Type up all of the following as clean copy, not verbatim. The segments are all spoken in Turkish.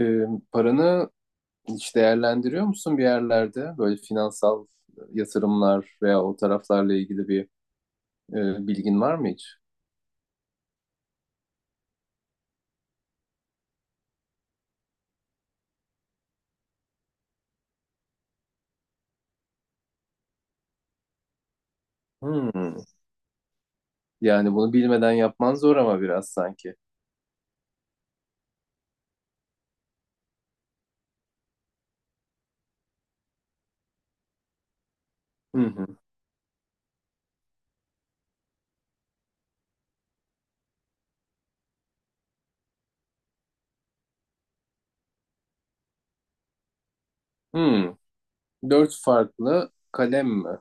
Ee, Paranı hiç değerlendiriyor musun bir yerlerde? Böyle finansal yatırımlar veya o taraflarla ilgili bir bilgin var mı hiç? Hmm. Yani bunu bilmeden yapman zor ama biraz sanki. Hı hı. Hmm. Dört farklı kalem mi?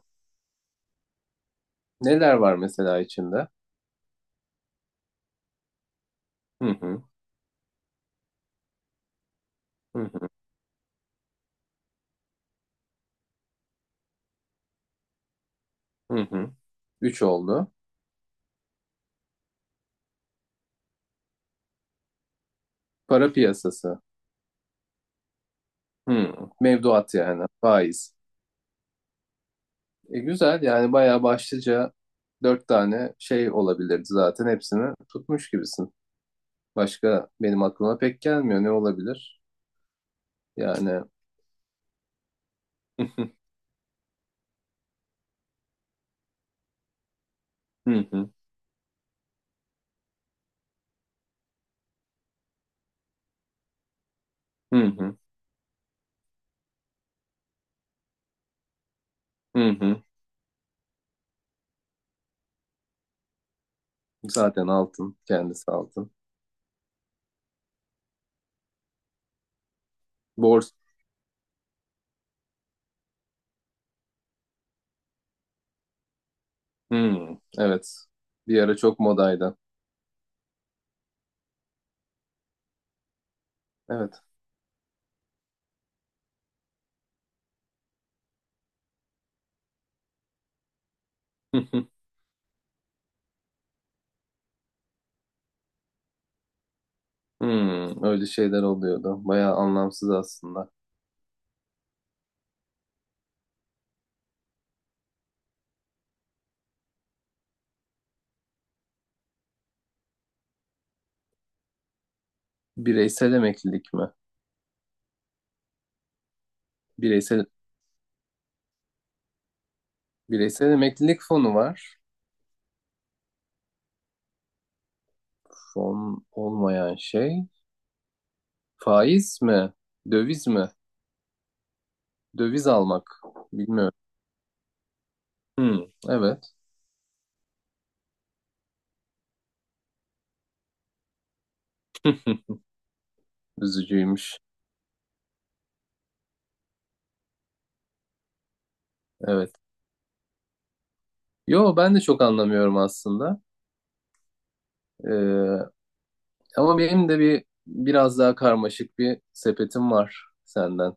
Neler var mesela içinde? Hı hı. Hı hı. Hı hı. Üç oldu. Para piyasası. Hmm. Mevduat yani. Faiz. Güzel yani bayağı başlıca dört tane şey olabilirdi zaten hepsini tutmuş gibisin. Başka benim aklıma pek gelmiyor. Ne olabilir? Yani hı hı hı hı hı hı. Zaten altın. Kendisi altın. Bors. Hı, evet. Bir ara çok modaydı. Evet. Hı hı. Hı, öyle şeyler oluyordu. Bayağı anlamsız aslında. Bireysel emeklilik mi? Bireysel bireysel emeklilik fonu var. Fon olmayan şey. Faiz mi? Döviz mi? Döviz almak. Bilmiyorum. Hı, evet. Üzücüymüş. Evet. Yo ben de çok anlamıyorum aslında. Ee, ama benim de bir biraz daha karmaşık bir sepetim var senden.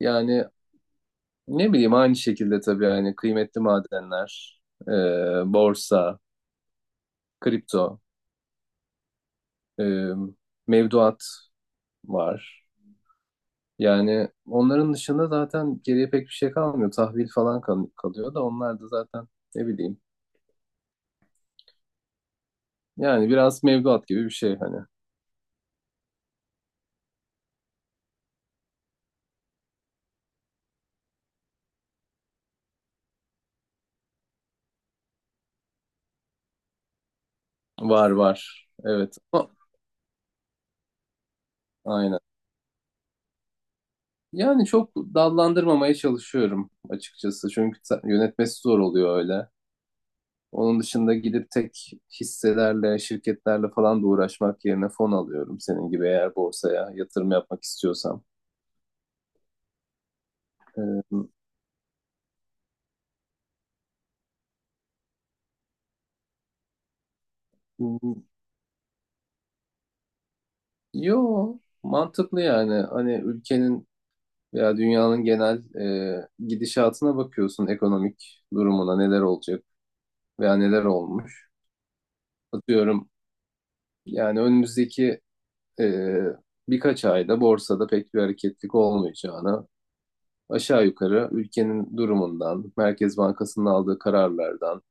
Yani ne bileyim aynı şekilde tabii yani kıymetli madenler, e, borsa, kripto, e, mevduat var. Yani onların dışında zaten geriye pek bir şey kalmıyor. Tahvil falan kal- kalıyor da onlar da zaten ne bileyim. Yani biraz mevduat gibi bir şey hani. Var var. Evet. Ama- Aynen. Yani çok dallandırmamaya çalışıyorum açıkçası. Çünkü ta- yönetmesi zor oluyor öyle. Onun dışında gidip tek hisselerle, şirketlerle falan da uğraşmak yerine fon alıyorum. Senin gibi eğer borsaya yatırım yapmak istiyorsam. Ee, m- Yo, mantıklı yani. Hani ülkenin veya dünyanın genel gidişatına bakıyorsun, ekonomik durumuna neler olacak veya neler olmuş. Atıyorum yani önümüzdeki e, birkaç ayda borsada pek bir hareketlik olmayacağına aşağı yukarı ülkenin durumundan, Merkez Bankası'nın aldığı kararlardan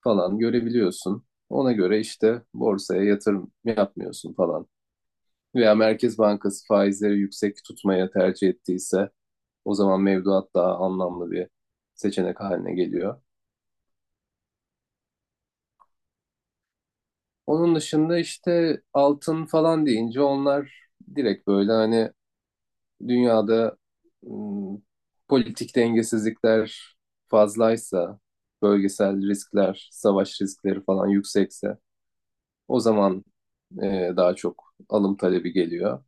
falan görebiliyorsun. Ona göre işte borsaya yatırım yapmıyorsun falan. Veya Merkez Bankası faizleri yüksek tutmaya tercih ettiyse o zaman mevduat daha anlamlı bir seçenek haline geliyor. Onun dışında işte altın falan deyince onlar direkt böyle hani dünyada ım, politik dengesizlikler fazlaysa, bölgesel riskler, savaş riskleri falan yüksekse o zaman daha çok alım talebi geliyor.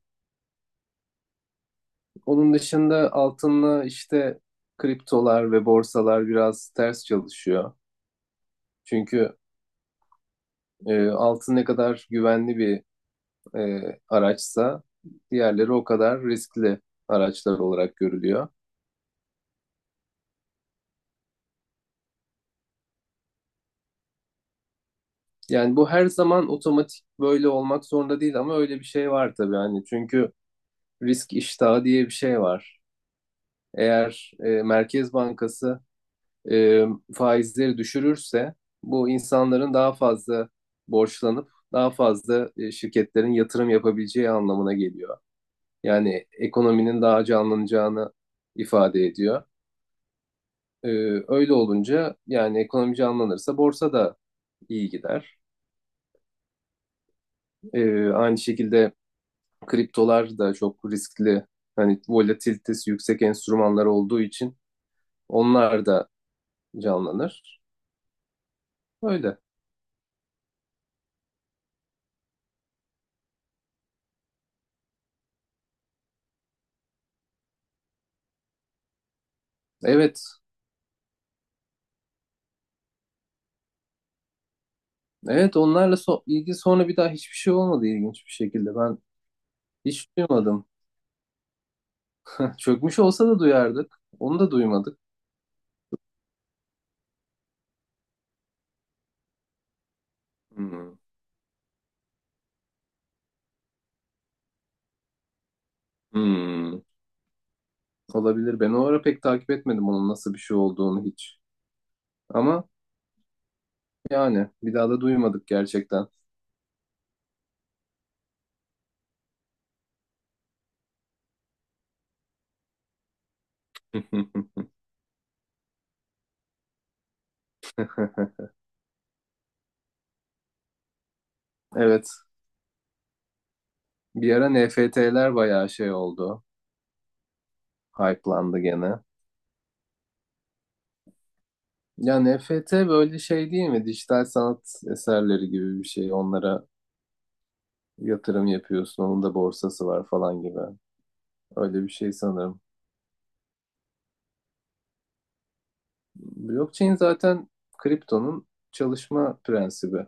Onun dışında altınla işte kriptolar ve borsalar biraz ters çalışıyor. Çünkü altın ne kadar güvenli bir e, araçsa diğerleri o kadar riskli araçlar olarak görülüyor. Yani bu her zaman otomatik böyle olmak zorunda değil ama öyle bir şey var tabii hani çünkü risk iştahı diye bir şey var. Eğer Merkez Bankası e, faizleri düşürürse bu insanların daha fazla borçlanıp daha fazla şirketlerin yatırım yapabileceği anlamına geliyor. Yani ekonominin daha canlanacağını ifade ediyor. E, Öyle olunca yani ekonomi canlanırsa borsa da iyi gider. Aynı şekilde kriptolar da çok riskli. Hani volatilitesi yüksek enstrümanlar olduğu için onlar da canlanır. Öyle. Evet. Evet onlarla ilgili sonra bir daha hiçbir şey olmadı ilginç bir şekilde. Ben hiç duymadım. Heh, çökmüş olsa da duyardık. Onu da duymadık. Hmm. Hmm. Olabilir. Ben o ara pek takip etmedim onun nasıl bir şey olduğunu hiç. Ama yani bir daha da duymadık gerçekten. Evet. Bir ara NFT'ler bayağı şey oldu. Hype'landı gene. Ya NFT böyle şey değil mi? Dijital sanat eserleri gibi bir şey. Onlara yatırım yapıyorsun. Onun da borsası var falan gibi. Öyle bir şey sanırım. Blockchain zaten kriptonun çalışma prensibi.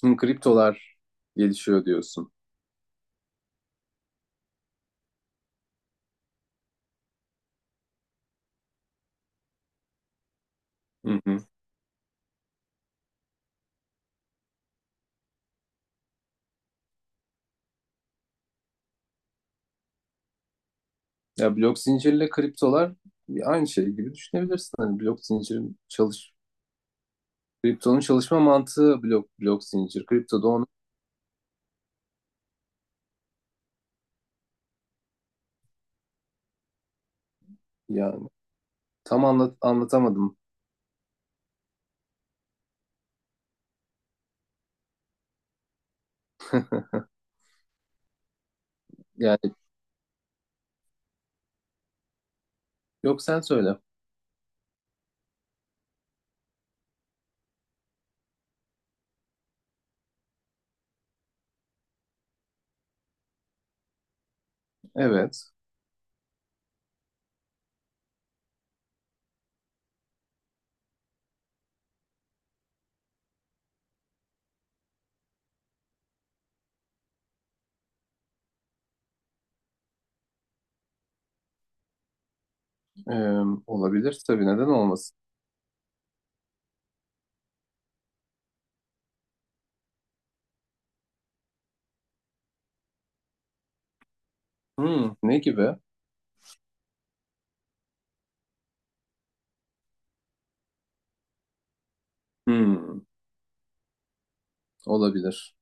Şimdi kriptolar gelişiyor diyorsun. Hı hı. Ya blok zincirle kriptolar aynı şey gibi düşünebilirsin. Hani blok zincirin kriptonun çalışma mantığı blok zincir. Kripto da onu yani tam anlatamadım. Yani yok sen söyle. Evet. Ee, Olabilir tabii neden olmasın? Hmm, ne gibi? Hmm, olabilir.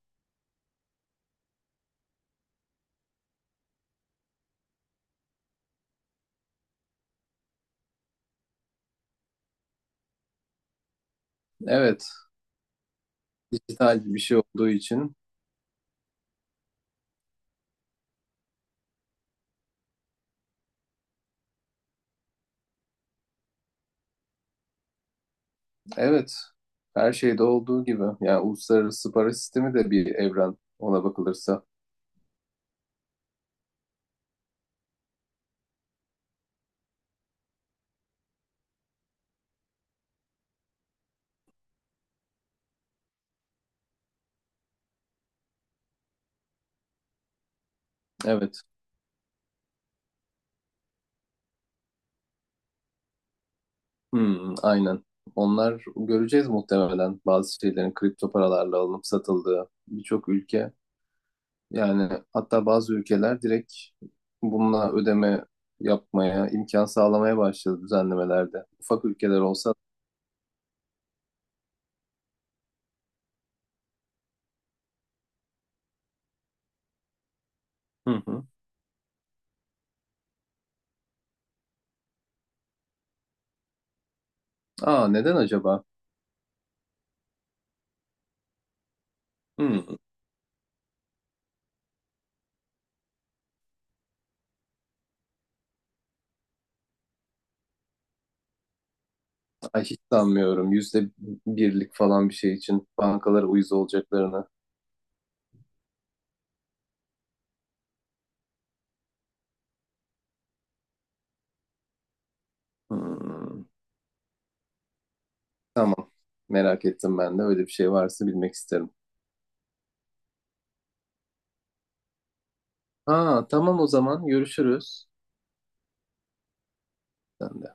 Evet, dijital bir şey olduğu için. Evet, her şeyde olduğu gibi. Yani uluslararası para sistemi de bir evren ona bakılırsa. Evet, hmm, aynen. Onlar göreceğiz muhtemelen bazı şeylerin kripto paralarla alınıp satıldığı birçok ülke. Yani hatta bazı ülkeler direkt bununla ödeme yapmaya, imkan sağlamaya başladı düzenlemelerde. Ufak ülkeler olsa. Hı hı. Aa neden acaba? Hmm, ay hiç sanmıyorum. %1'lik falan bir şey için bankalara uyuz olacaklarını. Hmm, tamam. Merak ettim ben de. Öyle bir şey varsa bilmek isterim. Aa tamam o zaman görüşürüz. Sen de.